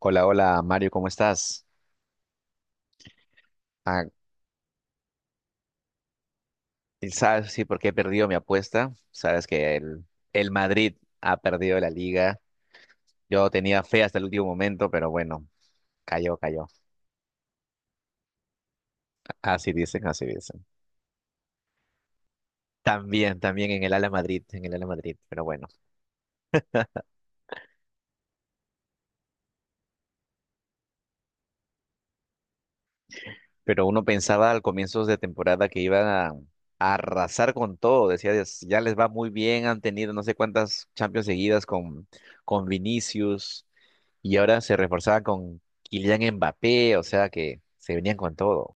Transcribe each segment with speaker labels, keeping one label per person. Speaker 1: Hola, hola Mario, ¿cómo estás? Ah, ¿y sabes por qué he perdido mi apuesta? Sabes que el Madrid ha perdido la liga. Yo tenía fe hasta el último momento, pero bueno, cayó, cayó. Así dicen, así dicen. También en el Ala Madrid, en el Ala Madrid, pero bueno. Pero uno pensaba al comienzo de temporada que iban a arrasar con todo. Decía: "Dios, ya les va muy bien, han tenido no sé cuántas Champions seguidas con Vinicius. Y ahora se reforzaban con Kylian Mbappé, o sea que se venían con todo.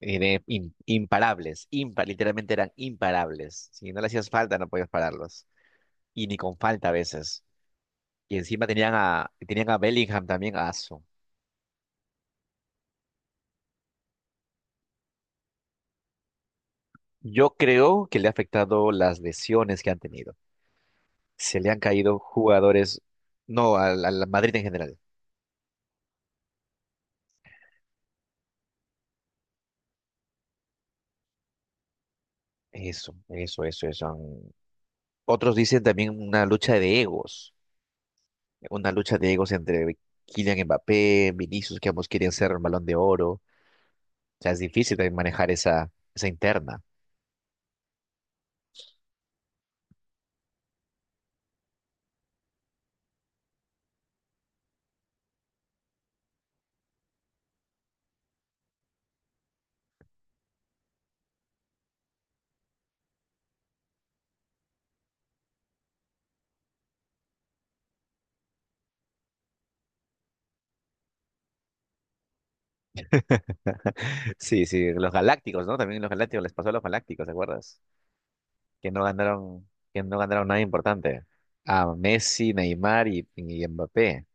Speaker 1: Y de im- imparables, impa- literalmente eran imparables. Si no le hacías falta, no podías pararlos. Y ni con falta a veces. Y encima tenían a Bellingham también, a Asu". Yo creo que le ha afectado las lesiones que han tenido. Se le han caído jugadores, no, al Madrid en general. Eso, eso, eso, eso. han- Otros dicen también una lucha de egos. Entre Kylian Mbappé, Vinicius, que ambos querían ser el Balón de Oro. O sea, es difícil también manejar esa interna. Sí, sí, los Galácticos, ¿no? También los Galácticos les pasó a los Galácticos, ¿te acuerdas? Que no ganaron, que no ganaron nada importante. A Messi, Neymar y Mbappé.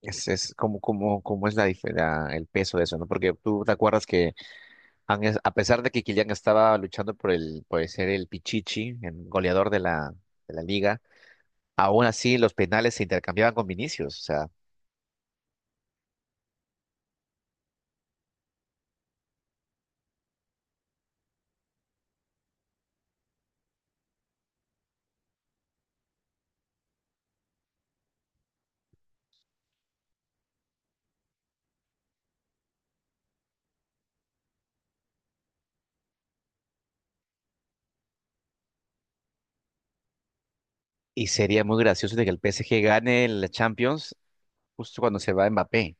Speaker 1: Es como, como, como es la, dif- la- El peso de eso, ¿no? Porque tú te acuerdas que a pesar de que Kylian estaba luchando por por ser el Pichichi, el goleador de de la liga. Aún así, los penales se intercambiaban con Vinicius. O sea, y sería muy gracioso de que el PSG gane la Champions justo cuando se va Mbappé.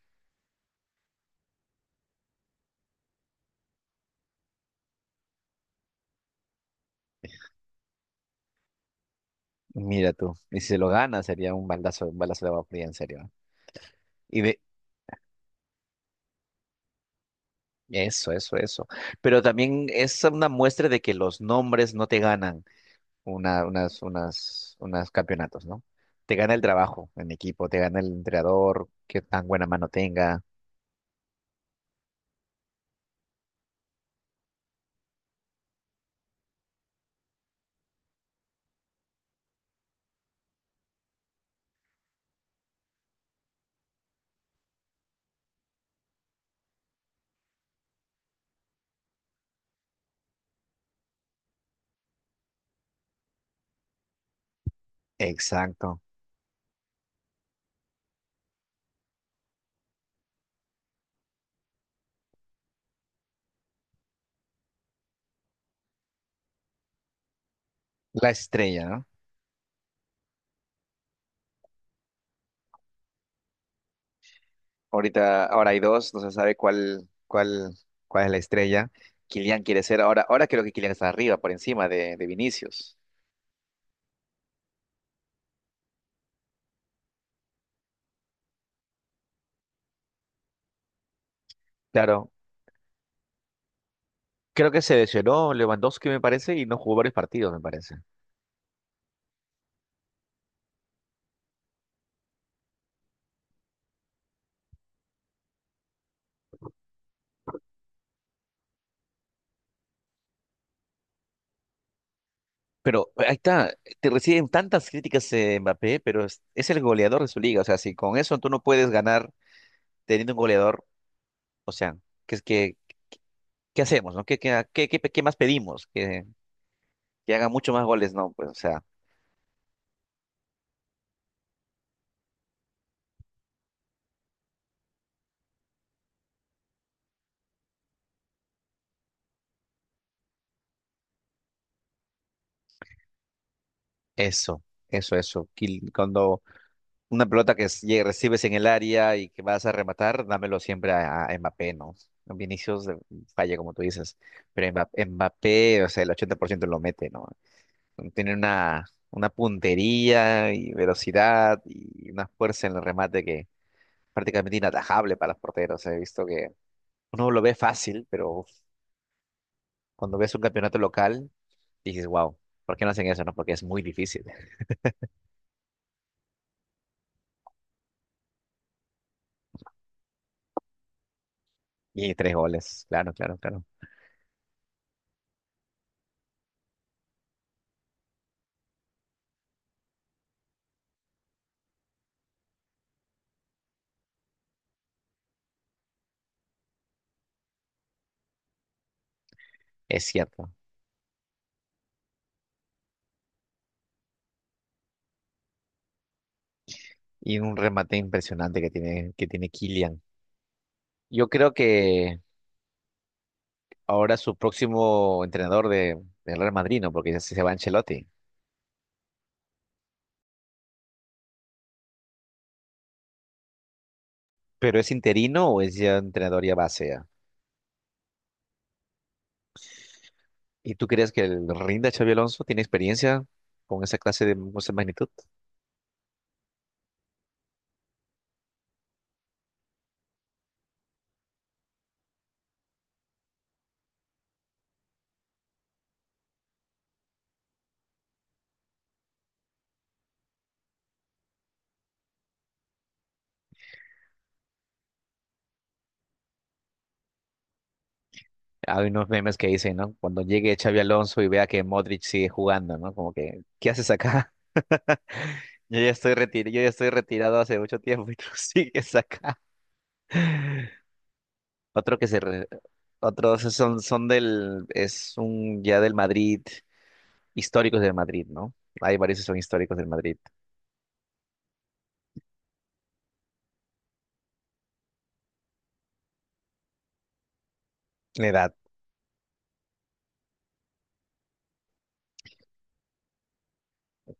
Speaker 1: Mira tú, y si se lo gana sería un baldazo, un balazo de agua fría, en serio, ¿eh? Y de eso. Pero también es una muestra de que los nombres no te ganan una, unas, unas, unas campeonatos, ¿no? Te gana el trabajo en equipo, te gana el entrenador, qué tan buena mano tenga. Exacto. La estrella, ¿no? Ahora hay dos, no se sabe cuál es la estrella. Kylian quiere ser ahora creo que Kylian está arriba, por encima de Vinicius. Claro, creo que se lesionó Lewandowski, me parece, y no jugó varios partidos, me parece. Pero ahí está, te reciben tantas críticas, Mbappé, pero es el goleador de su liga. O sea, si con eso tú no puedes ganar teniendo un goleador, o sea, ¿qué, es que qué hacemos, no? Qué más pedimos? Que haga mucho más goles? No, pues, o sea, eso, Cuando una pelota recibes en el área y que vas a rematar, dámelo siempre a Mbappé, ¿no? Vinicius falla, como tú dices, pero Mbappé, o sea, el 80% lo mete, ¿no? Tiene una puntería y velocidad y una fuerza en el remate que prácticamente inatajable para los porteros. He visto que uno lo ve fácil, pero cuando ves un campeonato local, dices, wow, ¿por qué no hacen eso, no? Porque es muy difícil. Y tres goles, claro, claro, claro. Es cierto. Y un remate impresionante que tiene Kylian. Yo creo que ahora su próximo entrenador del Real Madrid, ¿no? Porque ya se va Ancelotti. ¿Pero es interino o es ya entrenador ya base ya? ¿Y tú crees que el rinda Xabi Alonso tiene experiencia con esa clase de con esa magnitud? Hay unos memes que dicen, ¿no? Cuando llegue Xabi Alonso y vea que Modric sigue jugando, ¿no? Como que, ¿qué haces acá? Yo ya estoy retirado, yo ya estoy retirado hace mucho tiempo y tú sigues acá. Otro que se re- Otros son, es un ya del Madrid, históricos del Madrid, ¿no? Hay varios que son históricos del Madrid. Edad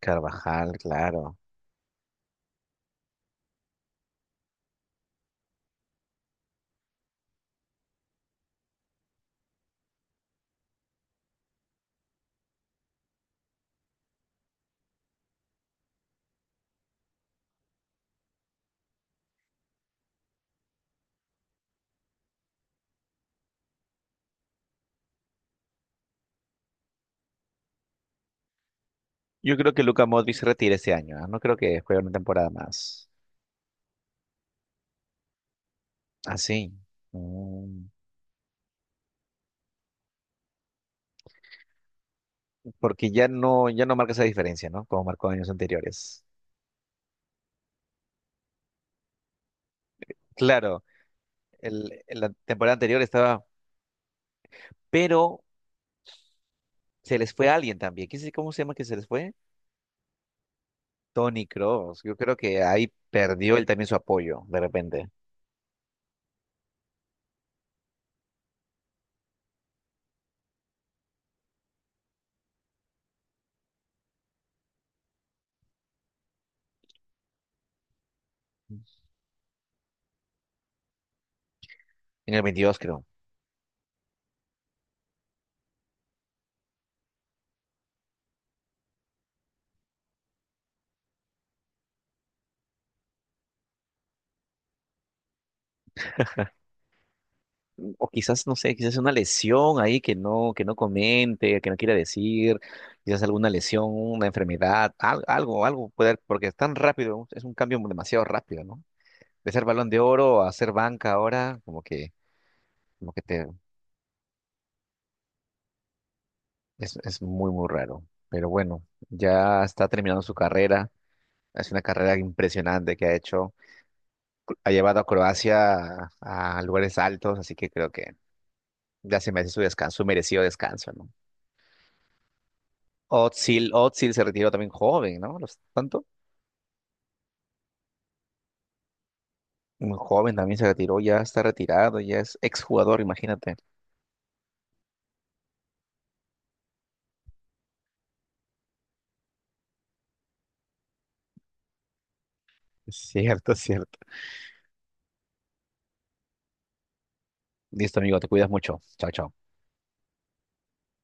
Speaker 1: Carvajal, claro. Yo creo que Luka Modric se retira este año, ¿ah? No creo que juegue una temporada más. Así. mm, porque ya no, ya no marca esa diferencia, ¿no? Como marcó años anteriores. Claro, el, en la temporada anterior estaba, pero se les fue alguien también. ¿Quién sabe cómo se llama que se les fue? Tony Cross, yo creo que ahí perdió él también su apoyo, de repente. En el 22, creo. O quizás, no sé, quizás una lesión ahí que no comente, que no quiera decir, quizás alguna lesión, una enfermedad, algo, algo puede haber, porque es tan rápido, es un cambio demasiado rápido, ¿no? De ser balón de oro a ser banca ahora, como que te, es muy, muy raro. Pero bueno, ya está terminando su carrera. Es una carrera impresionante que ha hecho. Ha llevado a Croacia a lugares altos, así que creo que ya se merece su descanso, su merecido descanso, ¿no? Özil se retiró también joven, ¿no? ¿Los- tanto? Muy joven también se retiró, ya está retirado, ya es exjugador, imagínate. Cierto, cierto. Listo, amigo, te cuidas mucho. Chao, chao.